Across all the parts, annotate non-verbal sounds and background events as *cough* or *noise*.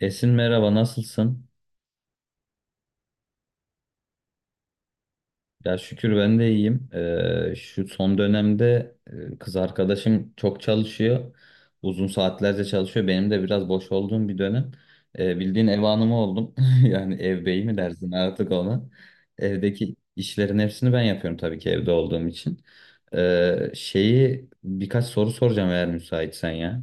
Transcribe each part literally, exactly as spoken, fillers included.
Esin merhaba, nasılsın? Ya şükür ben de iyiyim. Ee, şu son dönemde e, kız arkadaşım çok çalışıyor. Uzun saatlerce çalışıyor. Benim de biraz boş olduğum bir dönem. Ee, bildiğin ev hanımı oldum. *laughs* Yani ev beyi mi dersin artık ona? Evdeki işlerin hepsini ben yapıyorum, tabii ki evde olduğum için. Ee, şeyi birkaç soru soracağım, eğer müsaitsen ya.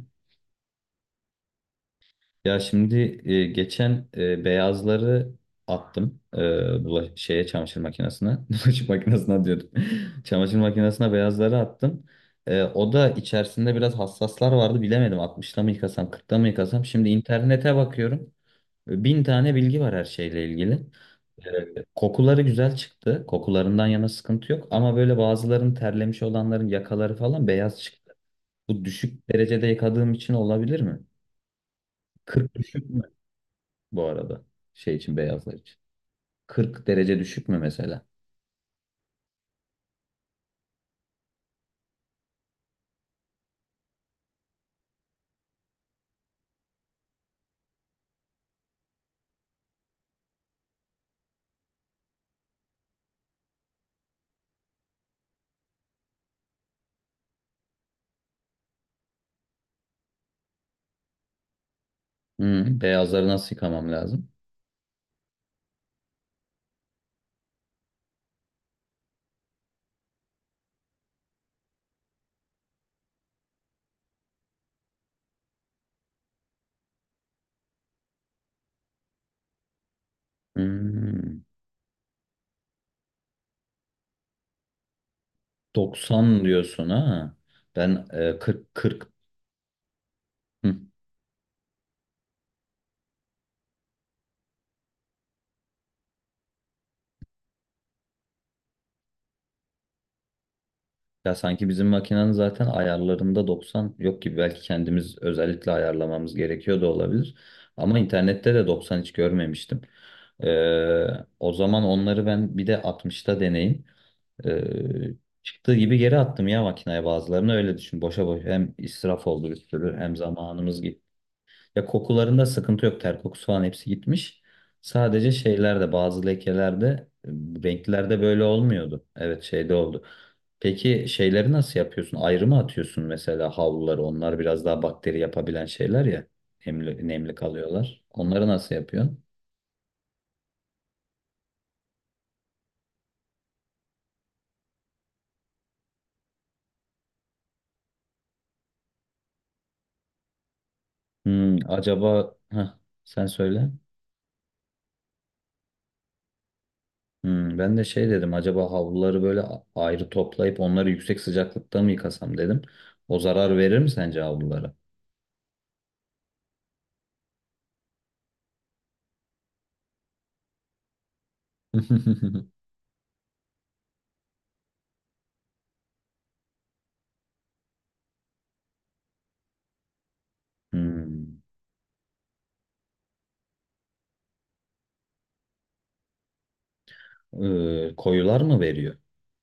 Ya şimdi, e, geçen, e, beyazları attım, e, bula- şeye, çamaşır makinesine. *laughs* Bulaşık makinesine diyordum. *laughs* Çamaşır makinesine beyazları attım. E, o da içerisinde biraz hassaslar vardı. Bilemedim, altmışta mı yıkasam, kırkta mı yıkasam. Şimdi internete bakıyorum. E, Bin tane bilgi var her şeyle ilgili. E, kokuları güzel çıktı. Kokularından yana sıkıntı yok. Ama böyle bazıların, terlemiş olanların yakaları falan beyaz çıktı. Bu düşük derecede yıkadığım için olabilir mi? kırk düşük bu arada. Şey için, beyazlar için. kırk derece düşük mü mesela? Hmm, beyazları nasıl yıkamam lazım? Hmm, doksan diyorsun, ha. Ben, e, kırk kırk. Hı. Ya sanki bizim makinenin zaten ayarlarında doksan yok gibi. Belki kendimiz özellikle ayarlamamız gerekiyor da olabilir. Ama internette de doksan hiç görmemiştim. Ee, o zaman onları ben bir de altmışta deneyim. Ee, çıktığı gibi geri attım ya makineye bazılarını, öyle düşün. Boşa boş, hem israf oldu bir sürü hem zamanımız gitti. Ya, kokularında sıkıntı yok, ter kokusu falan hepsi gitmiş. Sadece şeylerde, bazı lekelerde, e, renklerde böyle olmuyordu. Evet, şeyde oldu. Peki şeyleri nasıl yapıyorsun? Ayrı mı atıyorsun mesela havluları? Onlar biraz daha bakteri yapabilen şeyler ya. Nemli, nemli kalıyorlar. Onları nasıl yapıyorsun? Hmm, acaba Heh, sen söyle. Hmm, ben de şey dedim, acaba havluları böyle a- ayrı toplayıp onları yüksek sıcaklıkta mı yıkasam dedim. O zarar verir mi sence havlulara? *laughs* Hmm. Ee, koyular mı veriyor?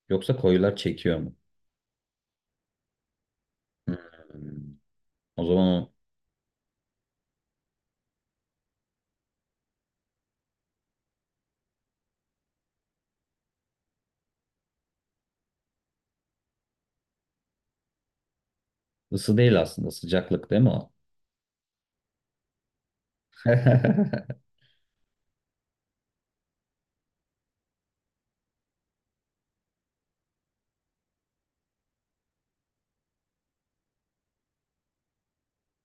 Yoksa koyular çekiyor mu? Hmm. O zaman o ısı değil, aslında sıcaklık değil mi o? *laughs*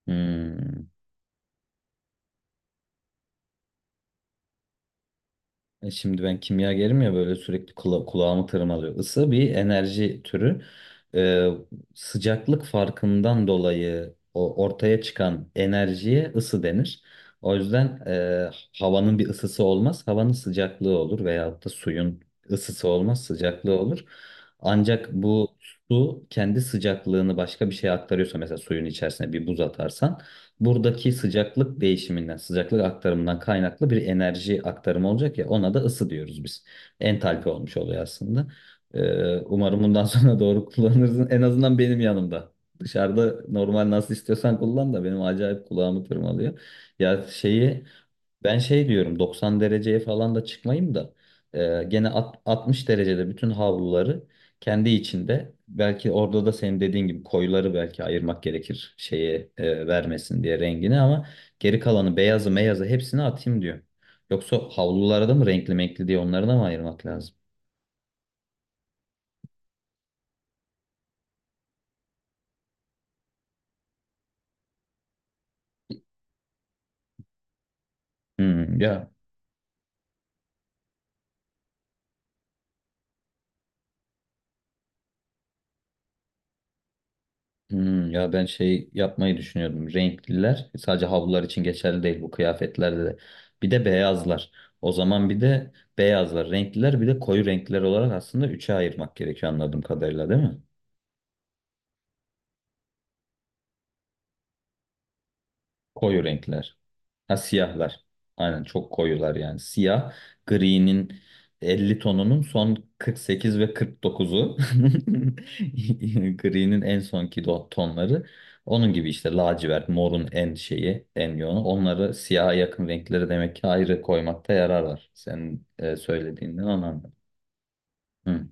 Hmm. E, Şimdi ben kimyagerim ya, böyle sürekli kula kulağımı tırmalıyor. Isı bir enerji türü. Ee, sıcaklık farkından dolayı o ortaya çıkan enerjiye ısı denir. O yüzden, e, havanın bir ısısı olmaz, havanın sıcaklığı olur, veyahut da suyun ısısı olmaz, sıcaklığı olur. Ancak bu su kendi sıcaklığını başka bir şeye aktarıyorsa, mesela suyun içerisine bir buz atarsan, buradaki sıcaklık değişiminden, sıcaklık aktarımından kaynaklı bir enerji aktarımı olacak ya, ona da ısı diyoruz biz. Entalpi olmuş oluyor aslında. Ee, umarım bundan sonra *laughs* doğru kullanırsın. En azından benim yanımda. Dışarıda normal nasıl istiyorsan kullan da benim acayip kulağımı tırmalıyor. Ya şeyi, ben şey diyorum, doksan dereceye falan da çıkmayayım da, e, gene at- altmış derecede bütün havluları kendi içinde, belki orada da senin dediğin gibi koyuları belki ayırmak gerekir şeye, e, vermesin diye rengini, ama geri kalanı beyazı meyazı hepsini atayım diyor. Yoksa havlulara da mı renkli menkli diye onları da mı ayırmak lazım? Hmm, ya Hmm, ya ben şey yapmayı düşünüyordum. Renkliler sadece havlular için geçerli değil, bu kıyafetlerde de. Bir de beyazlar. O zaman bir de beyazlar, renkliler, bir de koyu renkliler olarak aslında üçe ayırmak gerekiyor anladığım kadarıyla, değil mi? Koyu renkler. Ha, siyahlar. Aynen, çok koyular yani. Siyah, gri'nin elli tonunun son kırk sekiz ve kırk dokuzu. *laughs* Gri'nin en sonki do- tonları. Onun gibi işte lacivert, morun en şeyi, en yoğunu. Onları siyaha yakın renkleri demek ki ayrı koymakta yarar var. Senin, e, söylediğinden onu anladım. Hı.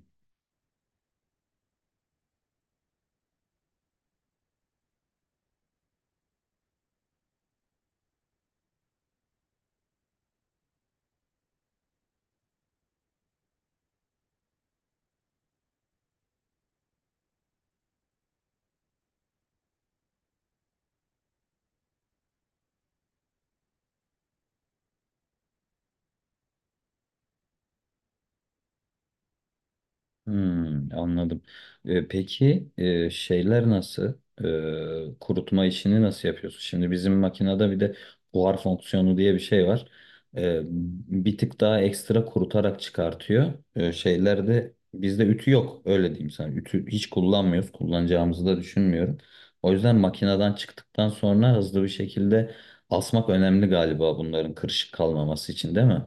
Hmm, anladım. Ee, peki, e, şeyler nasıl? Ee, kurutma işini nasıl yapıyorsun? Şimdi bizim makinede bir de buhar fonksiyonu diye bir şey var. Ee, bir tık daha ekstra kurutarak çıkartıyor. Ee, şeylerde bizde ütü yok, öyle diyeyim sana. Ütü hiç kullanmıyoruz. Kullanacağımızı da düşünmüyorum. O yüzden makineden çıktıktan sonra hızlı bir şekilde asmak önemli galiba, bunların kırışık kalmaması için, değil mi?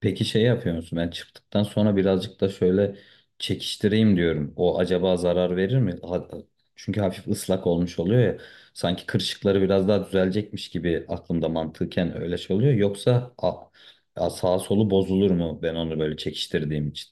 Peki şey yapıyor musun? Ben çıktıktan sonra birazcık da şöyle çekiştireyim diyorum. O acaba zarar verir mi? Ha- Çünkü hafif ıslak olmuş oluyor ya. Sanki kırışıkları biraz daha düzelecekmiş gibi aklımda mantıken öyle şey oluyor. Yoksa, a, a- sağ solu bozulur mu ben onu böyle çekiştirdiğim için?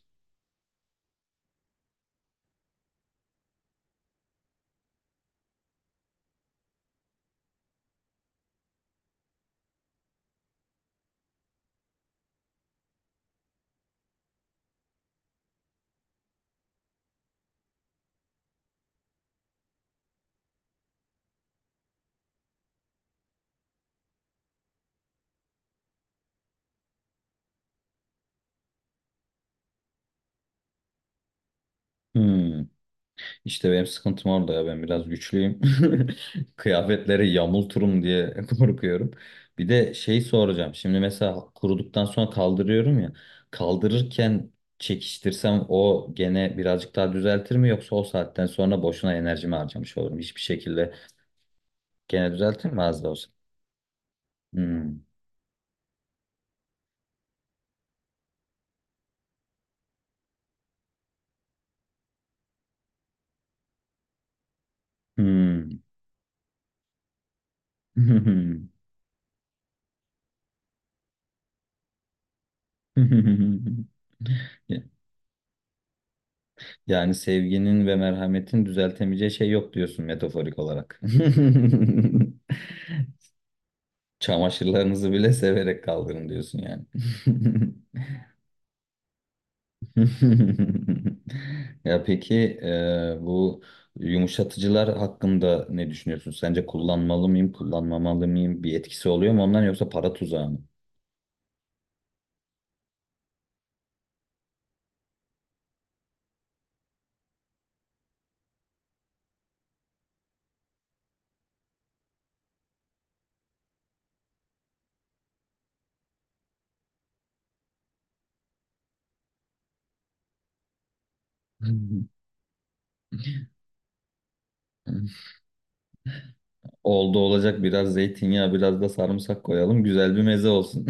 Hmm. İşte benim sıkıntım orada ya, ben biraz güçlüyüm. *laughs* Kıyafetleri yamulturum diye *laughs* korkuyorum. Bir de şey soracağım. Şimdi mesela kuruduktan sonra kaldırıyorum ya. Kaldırırken çekiştirsem o gene birazcık daha düzeltir mi, yoksa o saatten sonra boşuna enerjimi harcamış olurum. Hiçbir şekilde gene düzeltir mi az da olsa? Hmm. Hmm. *laughs* Yani sevginin ve merhametin düzeltemeyeceği şey yok diyorsun metaforik olarak. *laughs* Çamaşırlarınızı bile severek kaldırın diyorsun yani. *laughs* Ya peki, e, bu yumuşatıcılar hakkında ne düşünüyorsun? Sence kullanmalı mıyım, kullanmamalı mıyım? Bir etkisi oluyor mu ondan, yoksa para tuzağı mı? *laughs* Oldu olacak, biraz zeytinyağı, biraz da sarımsak koyalım. Güzel bir meze olsun.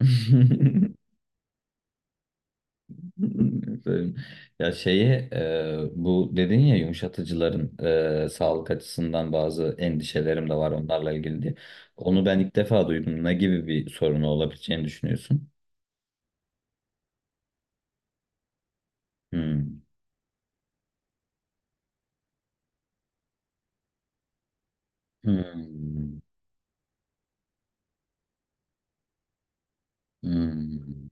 *laughs* *laughs* Söyleyeyim. Ya şeyi, e, bu dedin ya yumuşatıcıların, e, sağlık açısından bazı endişelerim de var onlarla ilgili diye. Onu ben ilk defa duydum. Ne gibi bir sorunu olabileceğini düşünüyorsun? Hmm. Hmm. Hmm.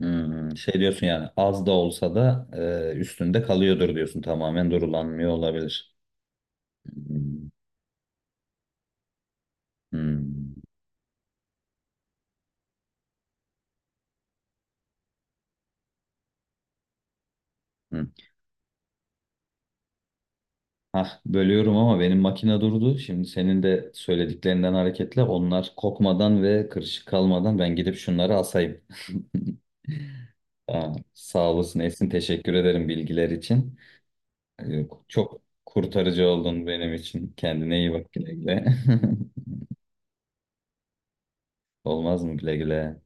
Hmm. Şey diyorsun yani, az da olsa da e, üstünde kalıyordur diyorsun. Tamamen durulanmıyor olabilir. Hmm. Hmm. Hmm. Hah, bölüyorum ama benim makine durdu. Şimdi senin de söylediklerinden hareketle onlar kokmadan ve kırışık kalmadan ben gidip şunları asayım. Aa, sağ olasın Esin, teşekkür ederim bilgiler için. Ee, Çok kurtarıcı oldun benim için. Kendine iyi bak, güle güle. *laughs* Olmaz mı güle güle?